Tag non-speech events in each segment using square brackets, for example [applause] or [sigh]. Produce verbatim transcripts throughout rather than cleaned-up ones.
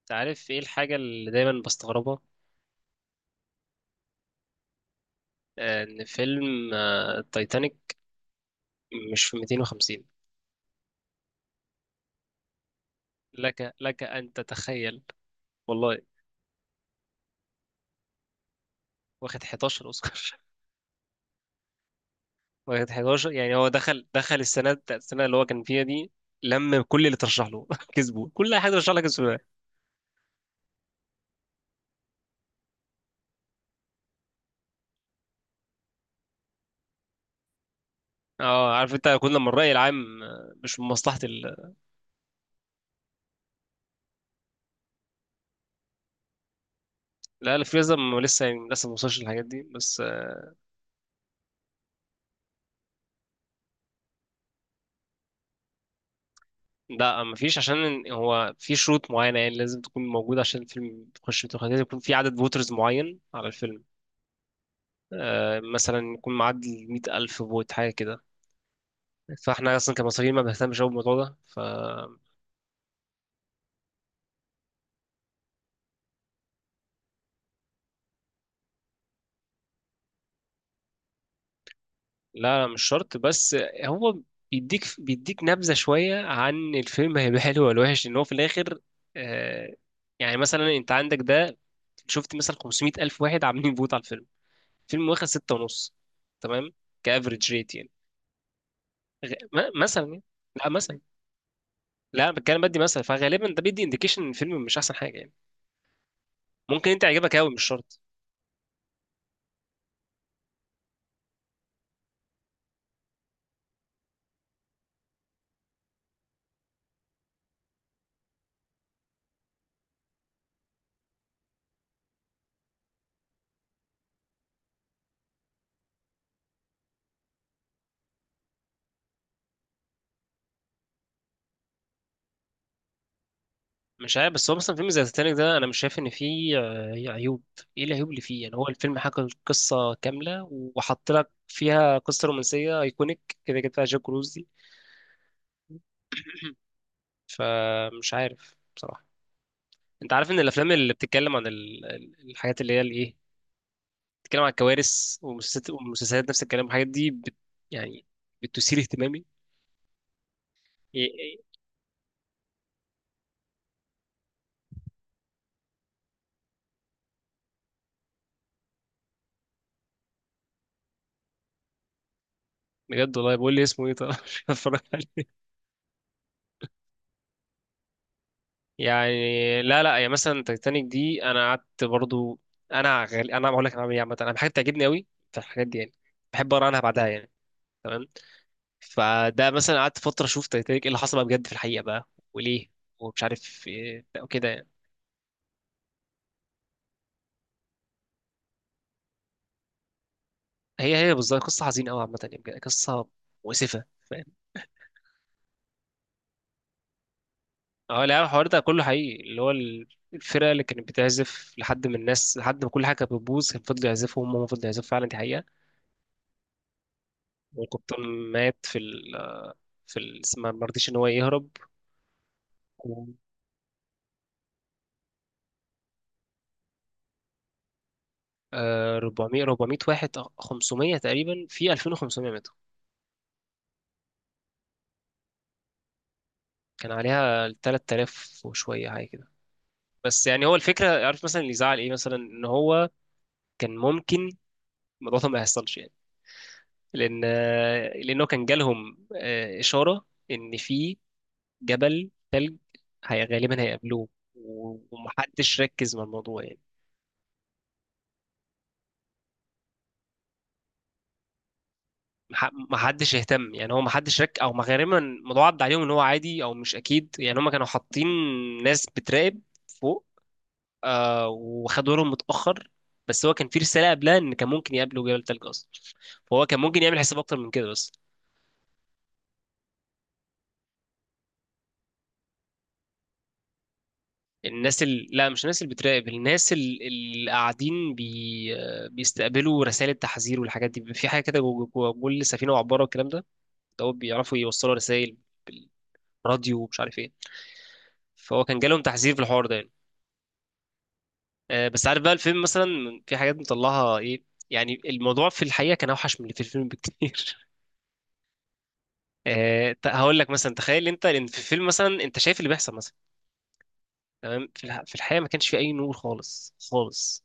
انت عارف ايه الحاجة اللي دايما بستغربها؟ آه، ان فيلم آه، التايتانيك مش في مئتين وخمسين. لك لك ان تتخيل. والله واخد حداشر اوسكار. [laughs] واخد حداشر، يعني هو دخل دخل السنة بتاعت السنة اللي هو كان فيها دي. لم كل اللي ترشح له [laughs] كسبه، كل حاجة ترشح لك كسبوها. اه، عارف انت كل لما الرأي العام آه، مش من مصلحة ال... لا لا، في لسه. لسه يعني لسه ما وصلش للحاجات دي، بس آه، لا، مفيش، عشان هو في شروط معينة يعني لازم تكون موجودة عشان الفيلم تخش في التقييم. لازم يكون في عدد فوترز معين على الفيلم. آه مثلا يكون معدي مئة ألف فوت حاجة كده. فاحنا أصلا كمصريين ما بنهتمش أوي بالموضوع ده، فلا. لا، مش شرط، بس هو بيديك بيديك نبذة شوية عن الفيلم، هيبقى حلو ولا وحش إن هو في الآخر. آه. يعني مثلا أنت عندك ده، شفت مثلا خمسمية ألف واحد عاملين فوت على الفيلم، الفيلم واخد ستة ونص، تمام، كافريج ريت. غ... ما- مثلا يعني. لا مثلا. لا، بتكلم بدي مثلا، فغالبا ده بيدي انديكيشن ان الفيلم مش احسن حاجه يعني. ممكن انت يعجبك قوي، مش شرط. مش عارف، بس هو مثلا فيلم زي تitanic ده انا مش شايف ان فيه آه، عيوب. ايه العيوب اللي فيه يعني؟ هو الفيلم حكى القصه كامله وحط لك فيها قصه رومانسيه ايكونيك كده كده، فيها جاك كروز دي. [clears throat] فمش عارف بصراحه. انت عارف ان الافلام اللي بتتكلم عن ال- ال- الحاجات اللي هي الايه، بتتكلم عن الكوارث، ومسلسلات ومسلسلات نفس الكلام، الحاجات دي بت... يعني بتثير اهتمامي. إيه، بجد، والله بقول لي اسمه ايه طب [laughs] مش هتفرج عليه. يعني لا لا، يعني مثلا تايتانيك دي انا قعدت برضو. انا غال... انا بقول لك انا بعمل ايه عامه. انا حاجه بتعجبني قوي في الحاجات دي يعني، بحب اقرا عنها بعدها يعني. تمام. فده مثلا قعدت فتره اشوف تايتانيك ايه اللي حصل بقى بجد في الحقيقه بقى، وليه، ومش عارف ايه بقى وكده يعني. هي هي بالظبط قصه حزينه قوي عامه، يعني بجد قصه مؤسفه. فاهم. اه لا، الحوار ده كله حقيقي، اللي هو ال- الفرقه اللي كانت بتعزف لحد من الناس لحد ما كل حاجه كانت بتبوظ كان، فضلوا يعزفوا، هم هم فضلوا يعزفوا فعلا، دي حقيقه. والقبطان مات في ال... في ال... ما ما رضيش ان هو يهرب. و... آه، اربعمية اربعمية واحد، آه، خمسمية تقريبا في الفين وخمسمية ماتوا. كان عليها تلاتة الاف وشويه حاجه كده. بس يعني هو الفكره، عارف مثلا اللي يزعل ايه مثلا، ان هو كان ممكن الموضوع ده ما يحصلش يعني. لان آه، لانه كان جالهم آه، اشاره ان في جبل تلج هي غالبا هيقابلوه. و- ومحدش ركز مع الموضوع يعني. مح- محدش اهتم يعني. هو محدش رك او ما- غالبا الموضوع عدى عليهم ان هو عادي او مش اكيد يعني. هم كانوا حاطين ناس بتراقب فوق. آه وخدوا بالهم متاخر. بس هو كان في رساله قبلها ان كان ممكن يقابلوا جبل تلج اصلا، فهو كان ممكن يعمل حساب اكتر من كده بس. الناس ال... لا، مش الناس اللي بتراقب، الناس ال- اللي قاعدين بي... آه، بيستقبلوا رسائل التحذير والحاجات دي. في حاجه كده جوه جوه- جوه كل سفينه وعباره والكلام ده، ده هو بيعرفوا يوصلوا رسائل بالراديو ومش عارف ايه. فهو كان جالهم تحذير في الحوار ده. آه، بس عارف بقى، الفيلم مثلا في حاجات مطلعها ايه، يعني الموضوع في الحقيقه كان اوحش من اللي في الفيلم بكتير. [laughs] آه، ت- هقول لك مثلا، تخيل انت، لان في الفيلم مثلا انت شايف اللي بيحصل مثلا، تمام. في الح- في الحقيقه ما كانش في اي نور خالص خالص.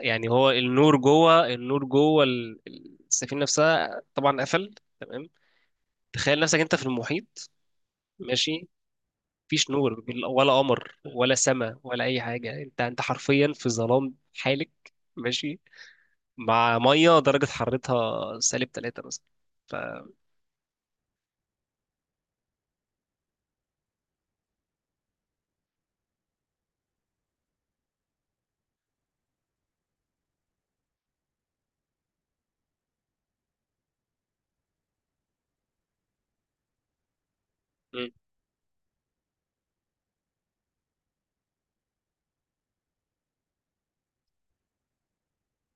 يعني هو النور جوه، النور جوه ال- السفينه نفسها طبعا قفل، تمام. تخيل نفسك انت في المحيط، ماشي، مفيش نور ولا قمر ولا سماء ولا اي حاجه، انت انت حرفيا في ظلام حالك، ماشي، مع ميه درجه حرارتها سالب تلاتة مثلا. ف مم.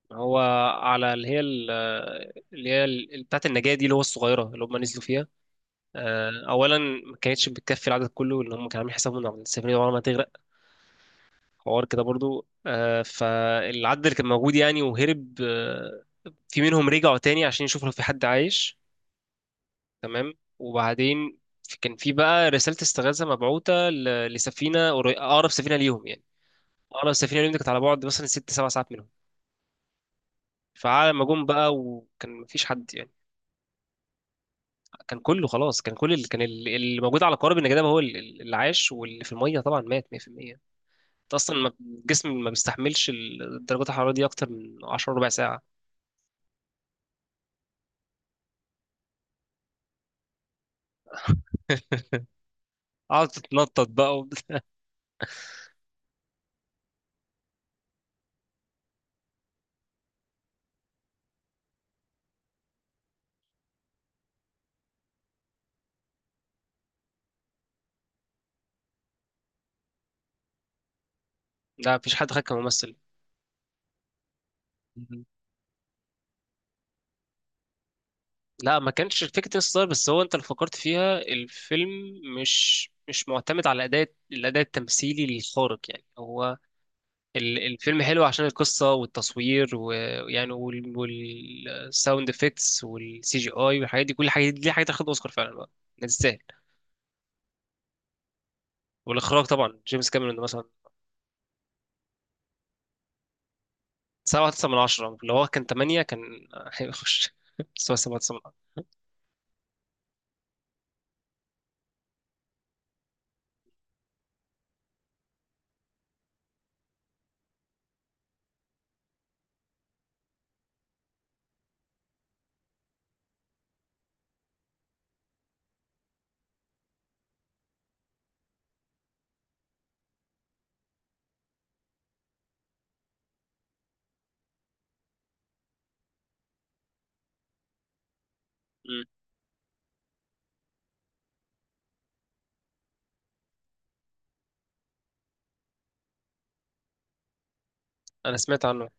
فهو على اللي هي ال- اللي هي ال- بتاعه النجاه دي، اللي هو الصغيره اللي هم نزلوا فيها. آه، اولا ما كانتش بتكفي العدد كله اللي هم كانوا عاملين حسابهم ان السفينه دي عمرها ما هتغرق، حوار كده برضو، آه، فالعدد اللي كان موجود يعني وهرب، آه، في منهم رجعوا تاني عشان يشوفوا لو في حد عايش، تمام. وبعدين كان في بقى رساله استغاثه مبعوثه ل- لسفينه قري- اقرب سفينه ليهم يعني. اه، لو السفينه اليوم دي كانت على بعد مثلا ست سبع ساعات منهم، فعلى ما جم بقى وكان مفيش حد يعني، كان كله خلاص. كان كل اللي كان ال- اللي موجود على قارب النجاة ده هو ال- ال- اللي عاش، واللي في الميه طبعا مات مية في المية. انت اصلا ما- الجسم ما بيستحملش ال- درجات الحراره دي اكتر من عشر ربع ساعه. [laughs] قعد تتنطط بقى و... [laughs] لا مفيش حد خد كممثل. مهم. لا، ما كانش فكرة الستار، بس هو انت اللي فكرت فيها. الفيلم مش مش معتمد على اداء الاداء التمثيلي الخارق يعني. هو ال- الفيلم حلو عشان القصة والتصوير ويعني، والساوند افكتس والسي جي اي والحاجات دي. كل حاجة دي حاجة تاخد اوسكار فعلا بقى، ما تستاهل. والاخراج طبعا جيمس كاميرون مثلا. سبعة تسعة من عشرة. لو هو كان تمانية كان هيخش، [laughs] بس هو سبعة تسعة من عشرة. مم. أنا سمعت عنه.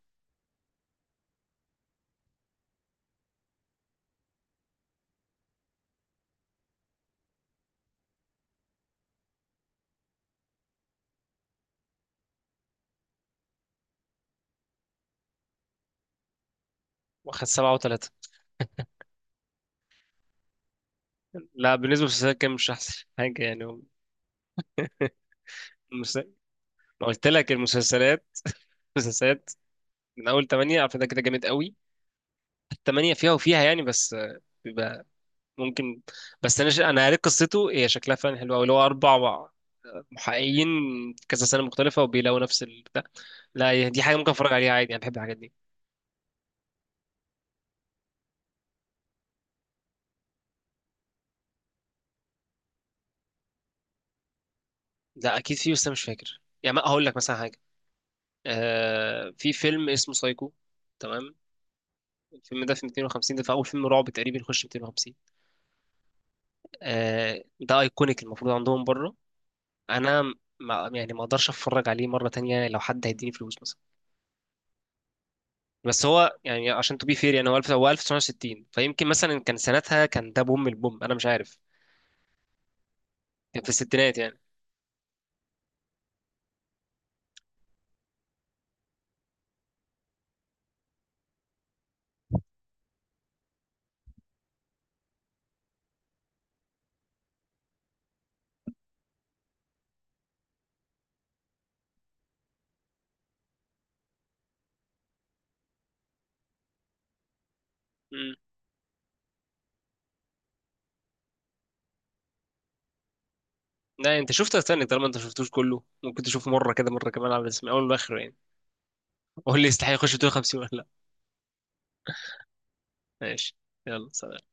واخد سبعة وتلاتة. لا، بالنسبة للمسلسلات كان مش أحسن حاجة يعني. هو المس- ما قلت لك، المسلسلات [laughs] المسلسلات من أول تمانية عارف ده كده جامد قوي، التمانية فيها وفيها يعني، بس ممكن. بس انا ش... انا قريت قصته هي، شكلها فعلا حلو قوي، اللي هو اربع محققين في كذا سنه مختلفه وبيلاقوا نفس البتاع. لا، هي دي حاجه ممكن اتفرج عليها عادي، انا بحب الحاجات دي. لا اكيد في، بس انا مش فاكر يعني، ما هقول لك مثلا حاجه. آه... في فيلم اسمه سايكو، تمام. الفيلم ده في مئتين وخمسين، ده في اول فيلم رعب تقريبا يخش مئتين وخمسين. آه... ده ايكونيك المفروض عندهم بره. انا ما يعني ما اقدرش اتفرج عليه مره تانية لو حد هيديني فلوس مثلا. بس هو يعني عشان تو بي فير يعني، هو ألف هو ألف تسعمية وستين، فيمكن مثلا كان سنتها كان ده بوم البوم انا مش عارف، كان في الستينات يعني. امم لا، انت شفت تايتانيك طالما انت شفتوش كله، ممكن تشوفه مره كده مره كمان على اسم اول واخره يعني. قول لي يستحق يخش دور خمسين ولا لا. ماشي، يلا سلام.